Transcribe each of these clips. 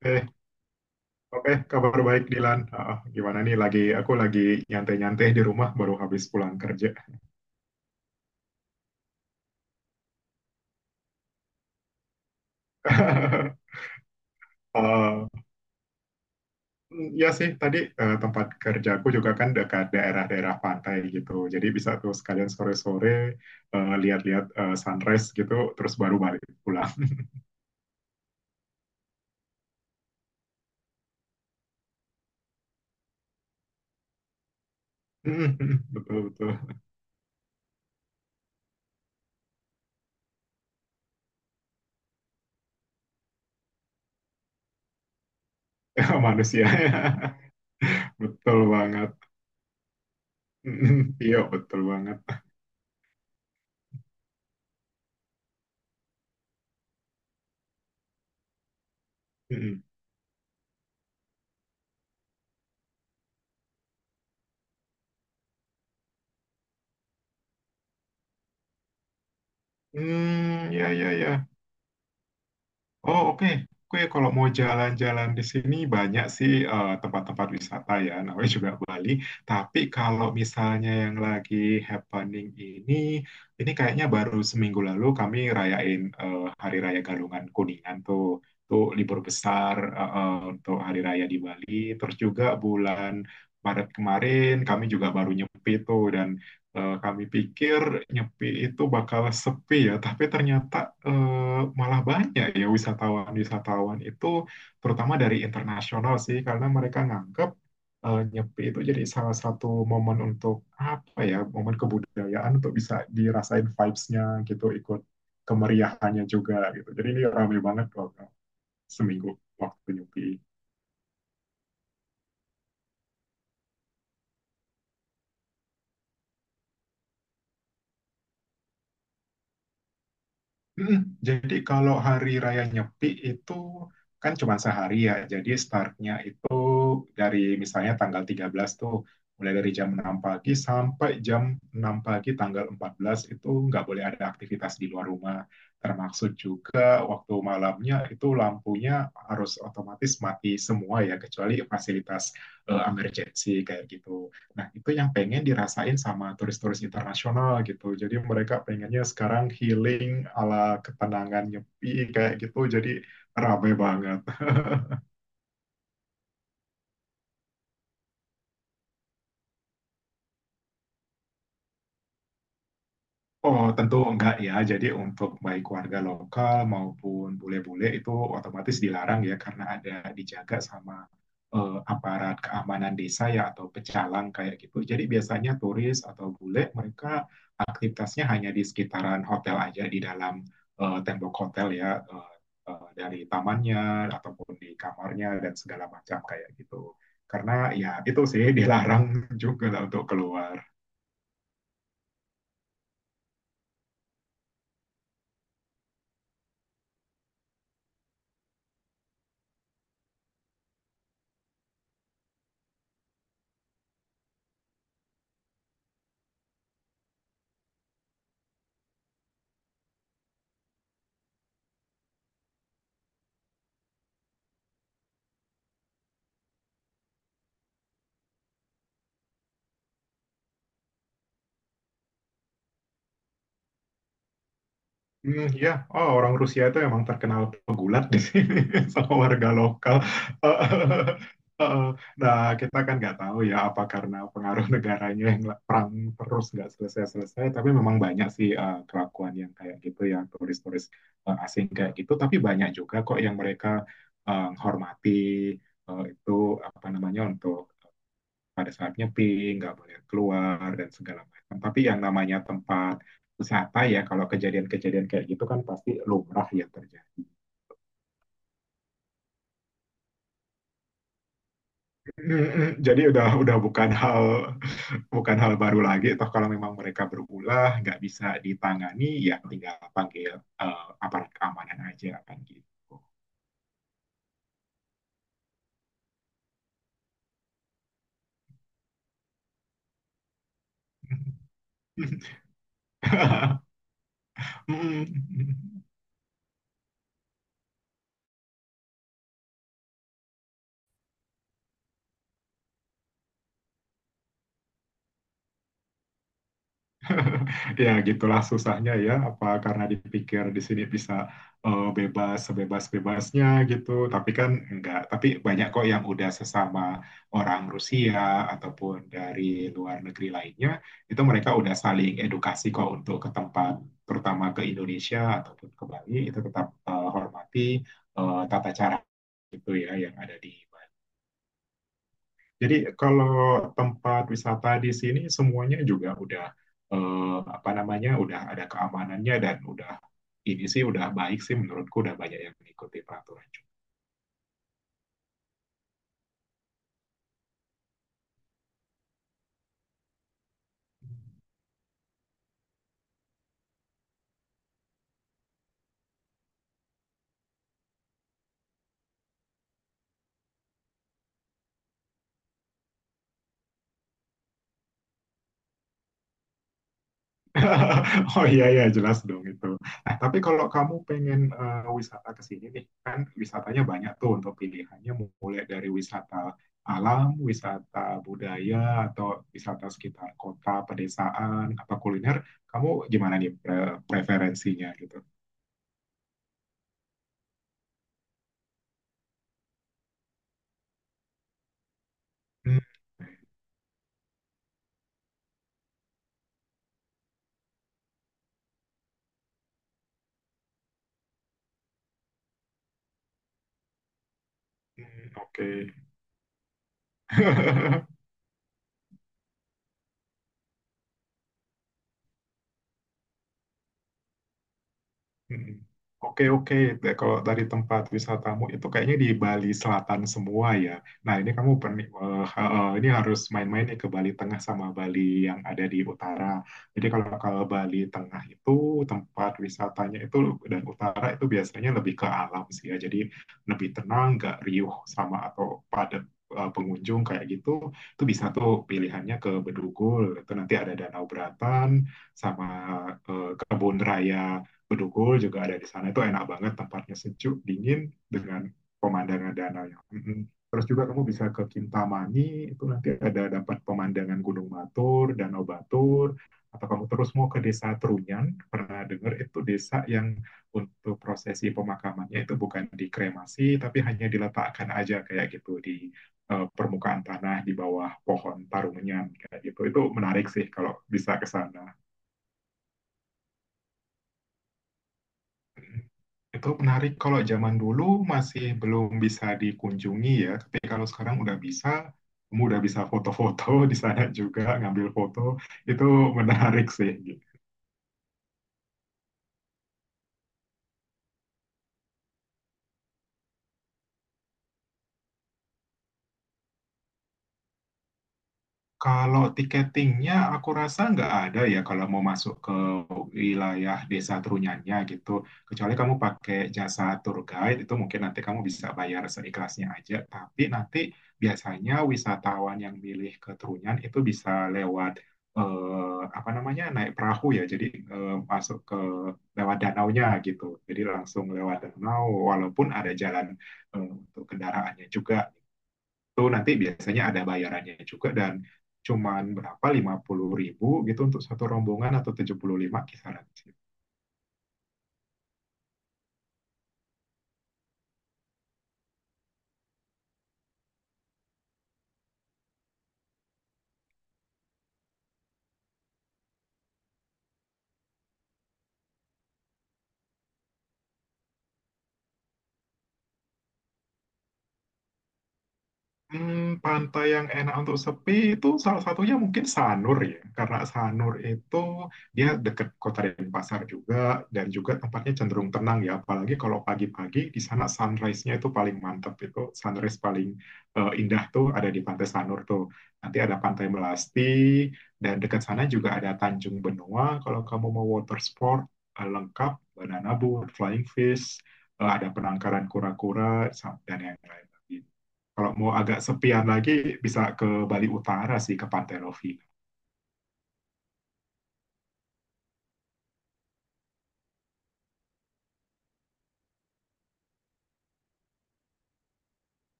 Oke, oke, kabar baik Dilan. Ah, gimana nih lagi aku lagi nyantai-nyantai di rumah baru habis pulang kerja. Eh, ya sih, tadi tempat kerjaku juga kan dekat daerah-daerah pantai gitu. Jadi bisa tuh sekalian sore-sore lihat-lihat sunrise gitu, terus baru balik pulang. Betul betul. Ya, manusia. Betul banget. Iya, betul banget. Hmm, ya ya ya. Oh, oke. Gue kalau mau jalan-jalan di sini banyak sih tempat-tempat wisata ya, namanya juga Bali. Tapi kalau misalnya yang lagi happening ini, kayaknya baru seminggu lalu kami rayain Hari Raya Galungan Kuningan tuh, libur besar untuk Hari Raya di Bali. Terus juga bulan Maret kemarin kami juga baru nyepi tuh dan kami pikir Nyepi itu bakal sepi ya, tapi ternyata malah banyak ya wisatawan-wisatawan itu, terutama dari internasional sih, karena mereka nganggap Nyepi itu jadi salah satu momen untuk apa ya, momen kebudayaan untuk bisa dirasain vibes-nya gitu, ikut kemeriahannya juga gitu. Jadi ini ramai banget loh seminggu waktu Nyepi. Jadi kalau hari raya Nyepi itu kan cuma sehari ya. Jadi startnya itu dari misalnya tanggal 13 tuh mulai dari jam 6 pagi sampai jam 6 pagi tanggal 14 itu nggak boleh ada aktivitas di luar rumah. Termasuk juga waktu malamnya itu lampunya harus otomatis mati semua ya kecuali fasilitas emergency kayak gitu. Nah, itu yang pengen dirasain sama turis-turis internasional gitu. Jadi mereka pengennya sekarang healing ala ketenangan nyepi kayak gitu. Jadi rame banget. Oh, tentu enggak ya. Jadi untuk baik warga lokal maupun bule-bule itu otomatis dilarang ya karena ada dijaga sama aparat keamanan desa ya atau pecalang kayak gitu. Jadi biasanya turis atau bule mereka aktivitasnya hanya di sekitaran hotel aja di dalam tembok hotel ya dari tamannya ataupun di kamarnya dan segala macam kayak gitu. Karena ya itu sih dilarang juga lah untuk keluar. Ya, oh, orang Rusia itu emang terkenal pegulat di sini sama warga lokal. Heeh. Nah, kita kan nggak tahu ya apa karena pengaruh negaranya yang perang terus nggak selesai-selesai. Tapi memang banyak sih kelakuan yang kayak gitu ya turis-turis asing kayak gitu. Tapi banyak juga kok yang mereka hormati itu apa namanya untuk pada saat nyeping, nggak boleh keluar dan segala macam. Tapi yang namanya tempat wisata ya, kalau kejadian-kejadian kayak gitu kan pasti lumrah ya terjadi. Jadi udah bukan hal baru lagi. Toh kalau memang mereka berulah nggak bisa ditangani, ya tinggal panggil aparat keamanan aja kan gitu. Ya, gitulah susahnya ya. Apa karena dipikir di sini bisa bebas sebebas-bebasnya gitu, tapi kan enggak. Tapi banyak kok yang udah sesama orang Rusia ataupun dari luar negeri lainnya, itu mereka udah saling edukasi kok untuk ke tempat, terutama ke Indonesia ataupun ke Bali, itu tetap hormati tata cara gitu ya yang ada di Bali. Jadi kalau tempat wisata di sini semuanya juga udah apa namanya udah ada keamanannya dan udah ini sih udah baik sih menurutku udah banyak yang mengikuti peraturan juga. Oh iya ya jelas dong itu. Nah, tapi kalau kamu pengen wisata ke sini nih, kan wisatanya banyak tuh untuk pilihannya mulai dari wisata alam, wisata budaya atau wisata sekitar kota, pedesaan, apa kuliner. Kamu gimana nih preferensinya gitu? Hmm, oke. Mm-mm. Oke, oke. Nah, kalau dari tempat wisatamu itu kayaknya di Bali Selatan semua ya. Nah, ini kamu pernah, ini harus main-main nih ke Bali Tengah sama Bali yang ada di utara. Jadi kalau kalau Bali Tengah itu tempat wisatanya itu dan utara itu biasanya lebih ke alam sih ya. Jadi lebih tenang, nggak riuh sama atau padat pengunjung kayak gitu. Itu bisa tuh pilihannya ke Bedugul. Itu nanti ada Danau Beratan sama kebun raya Bedugul juga ada di sana itu enak banget tempatnya sejuk dingin dengan pemandangan danaunya. Mhm. Terus juga kamu bisa ke Kintamani itu nanti ada dapat pemandangan Gunung Batur, Danau Batur. Atau kamu terus mau ke Desa Trunyan, pernah dengar itu desa yang untuk prosesi pemakamannya itu bukan dikremasi, tapi hanya diletakkan aja kayak gitu di permukaan tanah di bawah pohon tarunyan kayak gitu. Itu menarik sih kalau bisa ke sana. Itu menarik kalau zaman dulu masih belum bisa dikunjungi ya, tapi kalau sekarang udah bisa, kamu udah bisa foto-foto di sana juga, ngambil foto, itu menarik sih gitu. Kalau tiketingnya aku rasa nggak ada ya kalau mau masuk ke wilayah desa Trunyannya gitu. Kecuali kamu pakai jasa tour guide itu mungkin nanti kamu bisa bayar seikhlasnya aja. Tapi nanti biasanya wisatawan yang milih ke Trunyan itu bisa lewat apa namanya naik perahu ya. Jadi masuk ke lewat danaunya gitu. Jadi langsung lewat danau walaupun ada jalan untuk kendaraannya juga itu nanti biasanya ada bayarannya juga dan cuman berapa 50.000 gitu untuk satu rombongan atau 75 kisaran. Pantai yang enak untuk sepi itu salah satunya mungkin Sanur ya, karena Sanur itu dia dekat Kota Denpasar juga dan juga tempatnya cenderung tenang ya, apalagi kalau pagi-pagi di sana sunrise-nya itu paling mantep itu sunrise paling indah tuh ada di Pantai Sanur tuh. Nanti ada Pantai Melasti dan dekat sana juga ada Tanjung Benua kalau kamu mau water sport lengkap banana boat, flying fish, ada penangkaran kura-kura dan yang lain. Kalau mau agak sepian lagi bisa ke Bali Utara sih ke Pantai Lovina.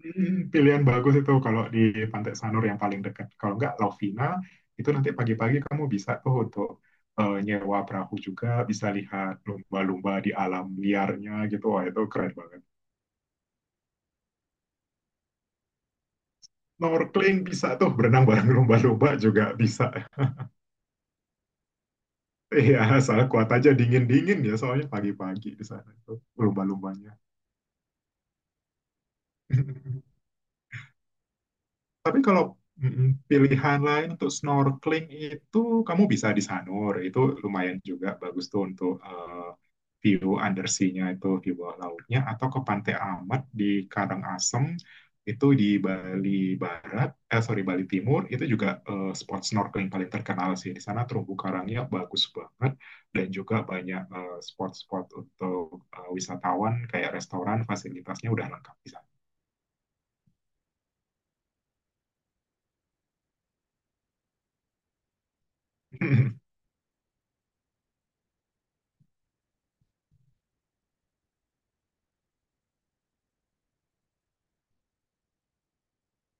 Pilihan bagus itu kalau di Pantai Sanur yang paling dekat. Kalau nggak Lovina itu nanti pagi-pagi kamu bisa tuh untuk nyewa perahu juga, bisa lihat lumba-lumba di alam liarnya gitu. Wah itu keren banget. Snorkeling bisa tuh berenang bareng lumba-lumba juga bisa. Iya, asal kuat aja dingin-dingin ya soalnya pagi-pagi di sana itu lumba-lumbanya. Tapi kalau pilihan lain untuk snorkeling itu kamu bisa di Sanur, itu lumayan juga bagus tuh untuk view undersea-nya itu di bawah lautnya atau ke Pantai Amat di Karangasem itu di Bali Barat, eh sorry Bali Timur itu juga spot snorkeling paling terkenal sih di sana terumbu karangnya bagus banget dan juga banyak spot-spot untuk wisatawan kayak restoran fasilitasnya udah lengkap di sana.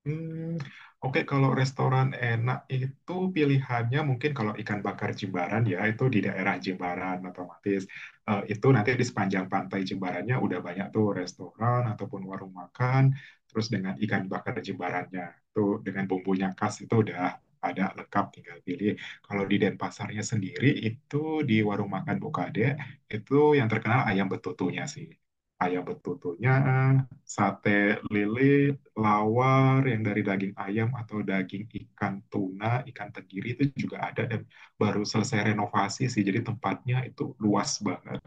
Hmm, oke, kalau restoran enak itu pilihannya mungkin kalau ikan bakar Jimbaran ya itu di daerah Jimbaran otomatis. Itu nanti di sepanjang pantai Jimbarannya udah banyak tuh restoran ataupun warung makan terus dengan ikan bakar Jimbarannya tuh dengan bumbunya khas itu udah ada lengkap tinggal pilih. Kalau di Denpasarnya sendiri itu di warung makan Bukade itu yang terkenal ayam betutunya sih. Ayam betutunya, sate lili, lawar, yang dari daging ayam atau daging ikan tuna, ikan tenggiri itu juga ada dan baru selesai renovasi sih. Jadi tempatnya itu luas banget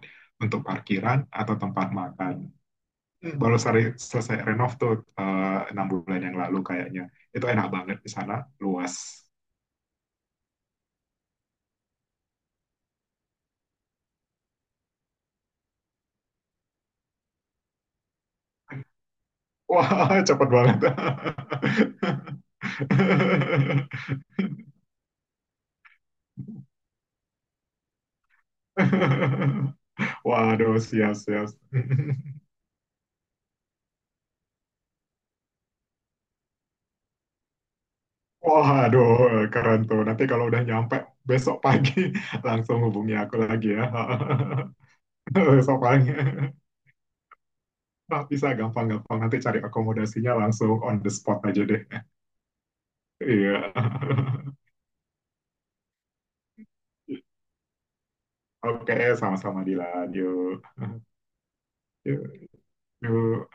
untuk parkiran atau tempat makan. Baru selesai renov tuh 6 bulan yang lalu kayaknya. Itu enak banget di sana, luas. Wah, cepet banget. Waduh, siap, siap. Waduh, keren tuh. Nanti kalau udah nyampe besok pagi langsung hubungi aku lagi ya. Besok pagi. Nah, bisa gampang-gampang nanti cari akomodasinya langsung on the spot aja deh. Iya. Oke, sama-sama Dilan. Yuk. Yuk. Yuk.